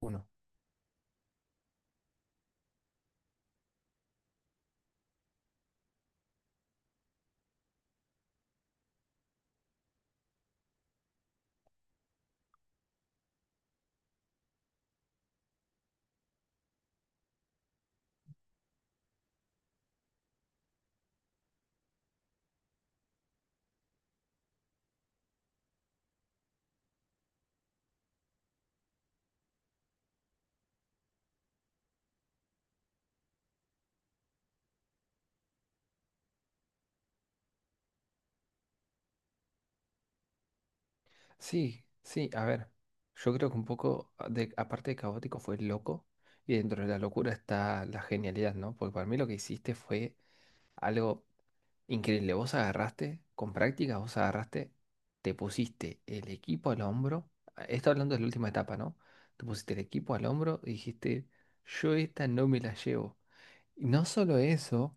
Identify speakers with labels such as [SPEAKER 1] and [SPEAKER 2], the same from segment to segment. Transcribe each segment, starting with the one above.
[SPEAKER 1] Uno. Sí, sí, a ver. Yo creo que un poco, aparte de caótico, fue loco. Y dentro de la locura está la genialidad, ¿no? Porque para mí lo que hiciste fue algo increíble. Vos agarraste, con práctica, te pusiste el equipo al hombro. Esto hablando de la última etapa, ¿no? Te pusiste el equipo al hombro y dijiste, yo esta no me la llevo. Y no solo eso.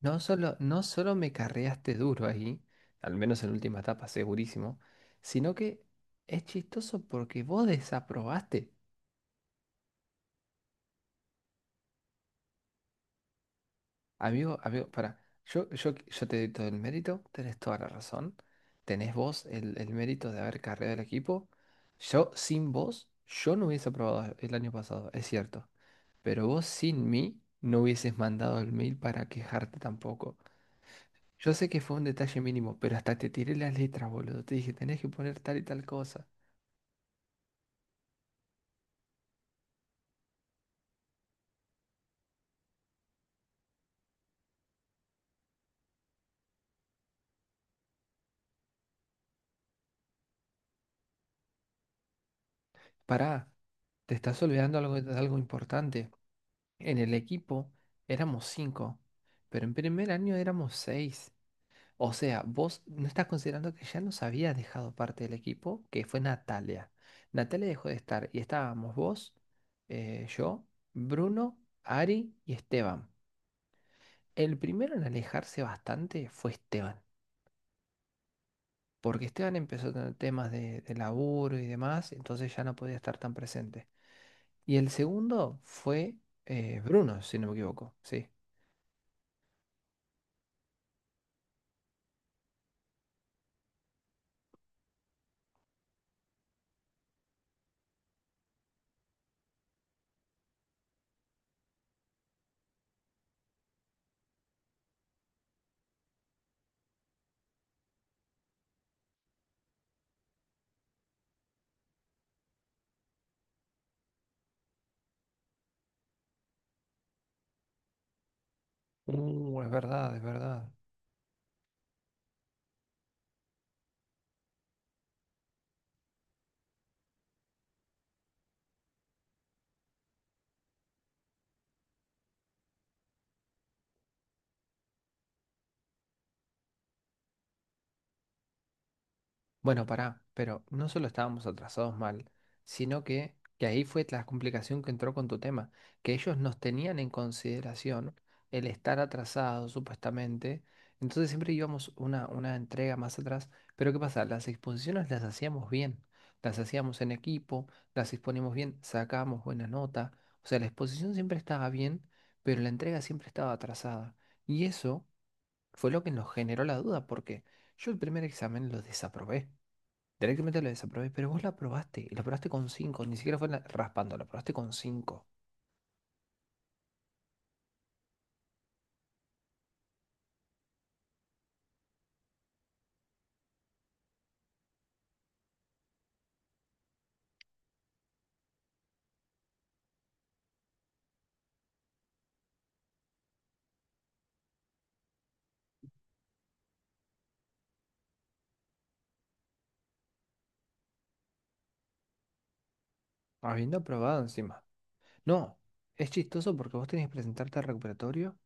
[SPEAKER 1] No solo me carreaste duro ahí, al menos en la última etapa, segurísimo, sino que es chistoso porque vos desaprobaste. Amigo, amigo, para, yo te doy todo el mérito, tenés toda la razón, tenés vos el mérito de haber carreado el equipo. Yo, sin vos, yo no hubiese aprobado el año pasado, es cierto, pero vos sin mí no hubieses mandado el mail para quejarte tampoco. Yo sé que fue un detalle mínimo, pero hasta te tiré las letras, boludo. Te dije, tenés que poner tal y tal cosa. Pará, te estás olvidando algo importante. En el equipo éramos cinco, pero en primer año éramos seis. O sea, vos no estás considerando que ya nos había dejado parte del equipo, que fue Natalia. Natalia dejó de estar y estábamos vos, yo, Bruno, Ari y Esteban. El primero en alejarse bastante fue Esteban, porque Esteban empezó a tener temas de laburo y demás, entonces ya no podía estar tan presente. Y el segundo fue Bruno, si no me equivoco, sí. Es verdad, es verdad. Bueno, pará, pero no solo estábamos atrasados mal, sino que ahí fue la complicación que entró con tu tema, que ellos nos tenían en consideración el estar atrasados supuestamente, entonces siempre íbamos una entrega más atrás, pero ¿qué pasa? Las exposiciones las hacíamos bien, las hacíamos en equipo, las exponíamos bien, sacábamos buena nota, o sea, la exposición siempre estaba bien, pero la entrega siempre estaba atrasada, y eso fue lo que nos generó la duda, porque yo el primer examen lo desaprobé. Directamente la desaprobé, pero vos la aprobaste, y la aprobaste con cinco, ni siquiera fue raspando, la aprobaste con 5, habiendo aprobado encima. No, es chistoso porque vos tenías que presentarte al recuperatorio.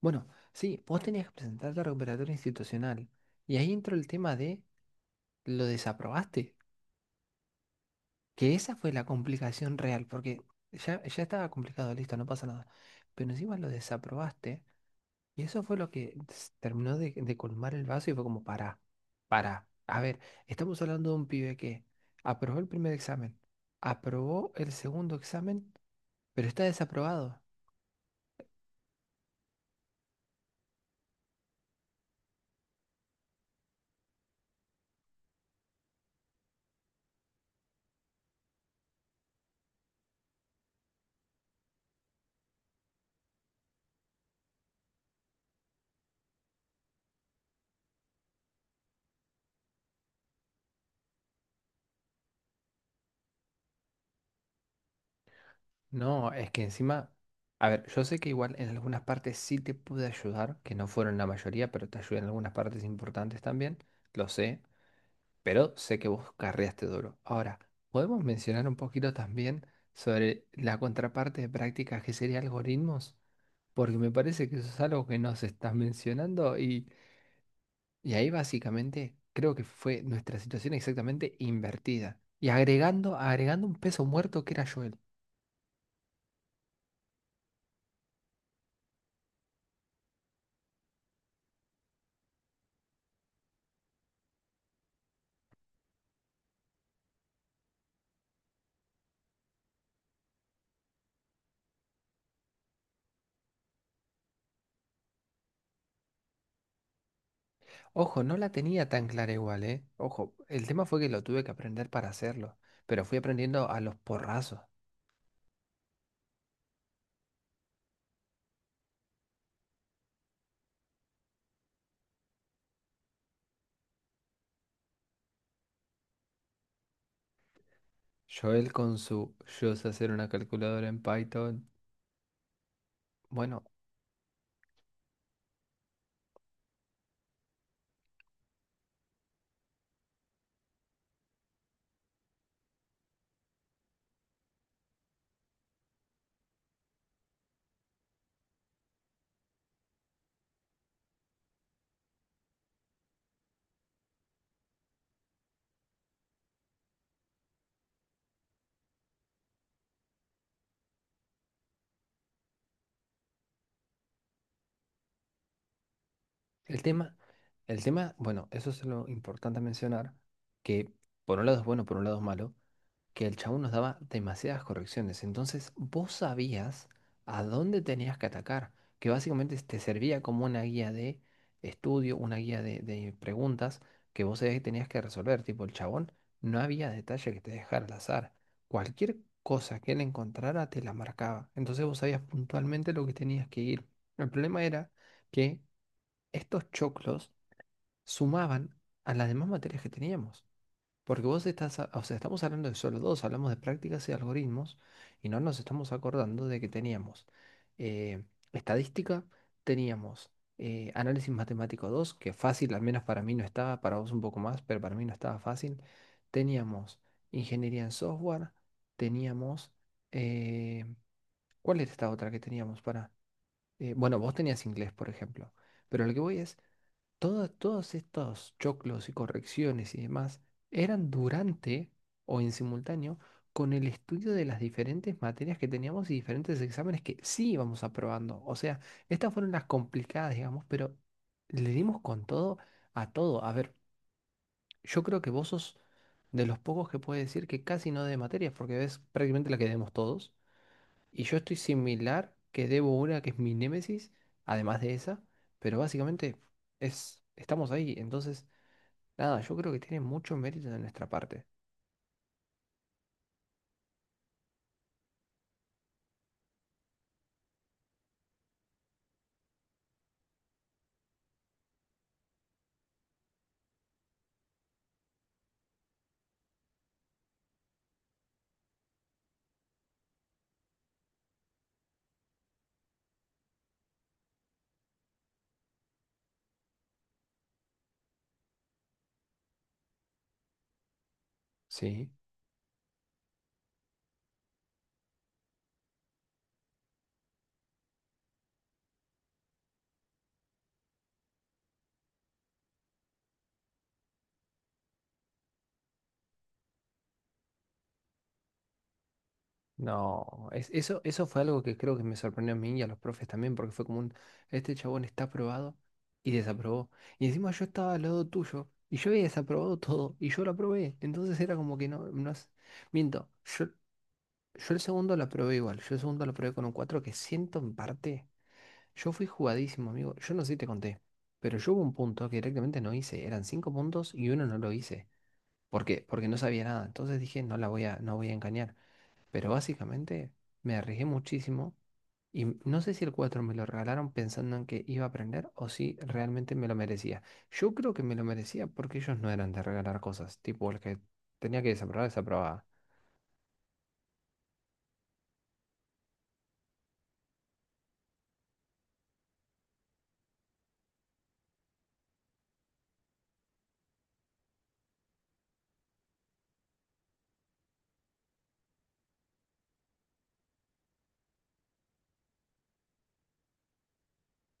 [SPEAKER 1] Bueno, sí, vos tenías que presentarte al recuperatorio institucional, y ahí entró el tema de lo desaprobaste, que esa fue la complicación real, porque ya estaba complicado, listo, no pasa nada, pero encima lo desaprobaste. Y eso fue lo que terminó de colmar el vaso y fue como, para, para. A ver, estamos hablando de un pibe que aprobó el primer examen, aprobó el segundo examen, pero está desaprobado. No, es que encima, a ver, yo sé que igual en algunas partes sí te pude ayudar, que no fueron la mayoría, pero te ayudé en algunas partes importantes también, lo sé, pero sé que vos carreaste duro. Ahora, ¿podemos mencionar un poquito también sobre la contraparte de prácticas que sería algoritmos? Porque me parece que eso es algo que nos estás mencionando y ahí básicamente creo que fue nuestra situación exactamente invertida. Y agregando un peso muerto que era Joel. Ojo, no la tenía tan clara igual, ¿eh? Ojo, el tema fue que lo tuve que aprender para hacerlo, pero fui aprendiendo a los porrazos. Joel con su yo sé hacer una calculadora en Python. Bueno, el tema, bueno, eso es lo importante a mencionar, que por un lado es bueno, por un lado es malo que el chabón nos daba demasiadas correcciones. Entonces vos sabías a dónde tenías que atacar, que básicamente te servía como una guía de estudio, una guía de preguntas que vos sabías que tenías que resolver. Tipo, el chabón no había detalle que te dejara al azar. Cualquier cosa que él encontrara te la marcaba. Entonces vos sabías puntualmente lo que tenías que ir. El problema era que estos choclos sumaban a las demás materias que teníamos. Porque vos estás, o sea, estamos hablando de solo dos, hablamos de prácticas y algoritmos y no nos estamos acordando de que teníamos eh, estadística, teníamos análisis matemático 2, que fácil, al menos para mí no estaba, para vos un poco más, pero para mí no estaba fácil. Teníamos ingeniería en software, teníamos... eh, ¿cuál era esta otra que teníamos para? Eh, bueno, vos tenías inglés, por ejemplo, pero lo que voy es todos estos choclos y correcciones y demás eran durante o en simultáneo con el estudio de las diferentes materias que teníamos y diferentes exámenes que sí íbamos aprobando. O sea, estas fueron las complicadas, digamos, pero le dimos con todo a todo. A ver, yo creo que vos sos de los pocos que puede decir que casi no de materias, porque ves prácticamente la que demos todos. Y yo estoy similar, que debo una que es mi némesis, además de esa, pero básicamente estamos ahí, entonces, nada, yo creo que tiene mucho mérito de nuestra parte. Sí, no, eso fue algo que creo que me sorprendió a mí y a los profes también, porque fue como este chabón está aprobado y desaprobó. Y encima yo estaba al lado tuyo y yo había desaprobado todo y yo lo aprobé, entonces era como que no, no, miento, yo, yo el segundo lo aprobé igual, yo el segundo lo aprobé con un 4 que siento en parte. Yo fui jugadísimo, amigo. Yo no sé si te conté, pero yo hubo un punto que directamente no hice. Eran cinco puntos y uno no lo hice. ¿Por qué? Porque no sabía nada. Entonces dije, no voy a engañar. Pero básicamente me arriesgué muchísimo y no sé si el 4 me lo regalaron pensando en que iba a aprender o si realmente me lo merecía. Yo creo que me lo merecía porque ellos no eran de regalar cosas. Tipo, el que tenía que desaprobar, desaprobaba.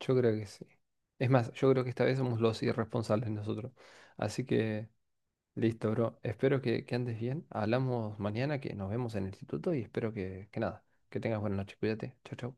[SPEAKER 1] Yo creo que sí. Es más, yo creo que esta vez somos los irresponsables nosotros. Así que... listo, bro. Espero que andes bien. Hablamos mañana, que nos vemos en el instituto y espero que nada, que tengas buena noche. Cuídate. Chau, chau.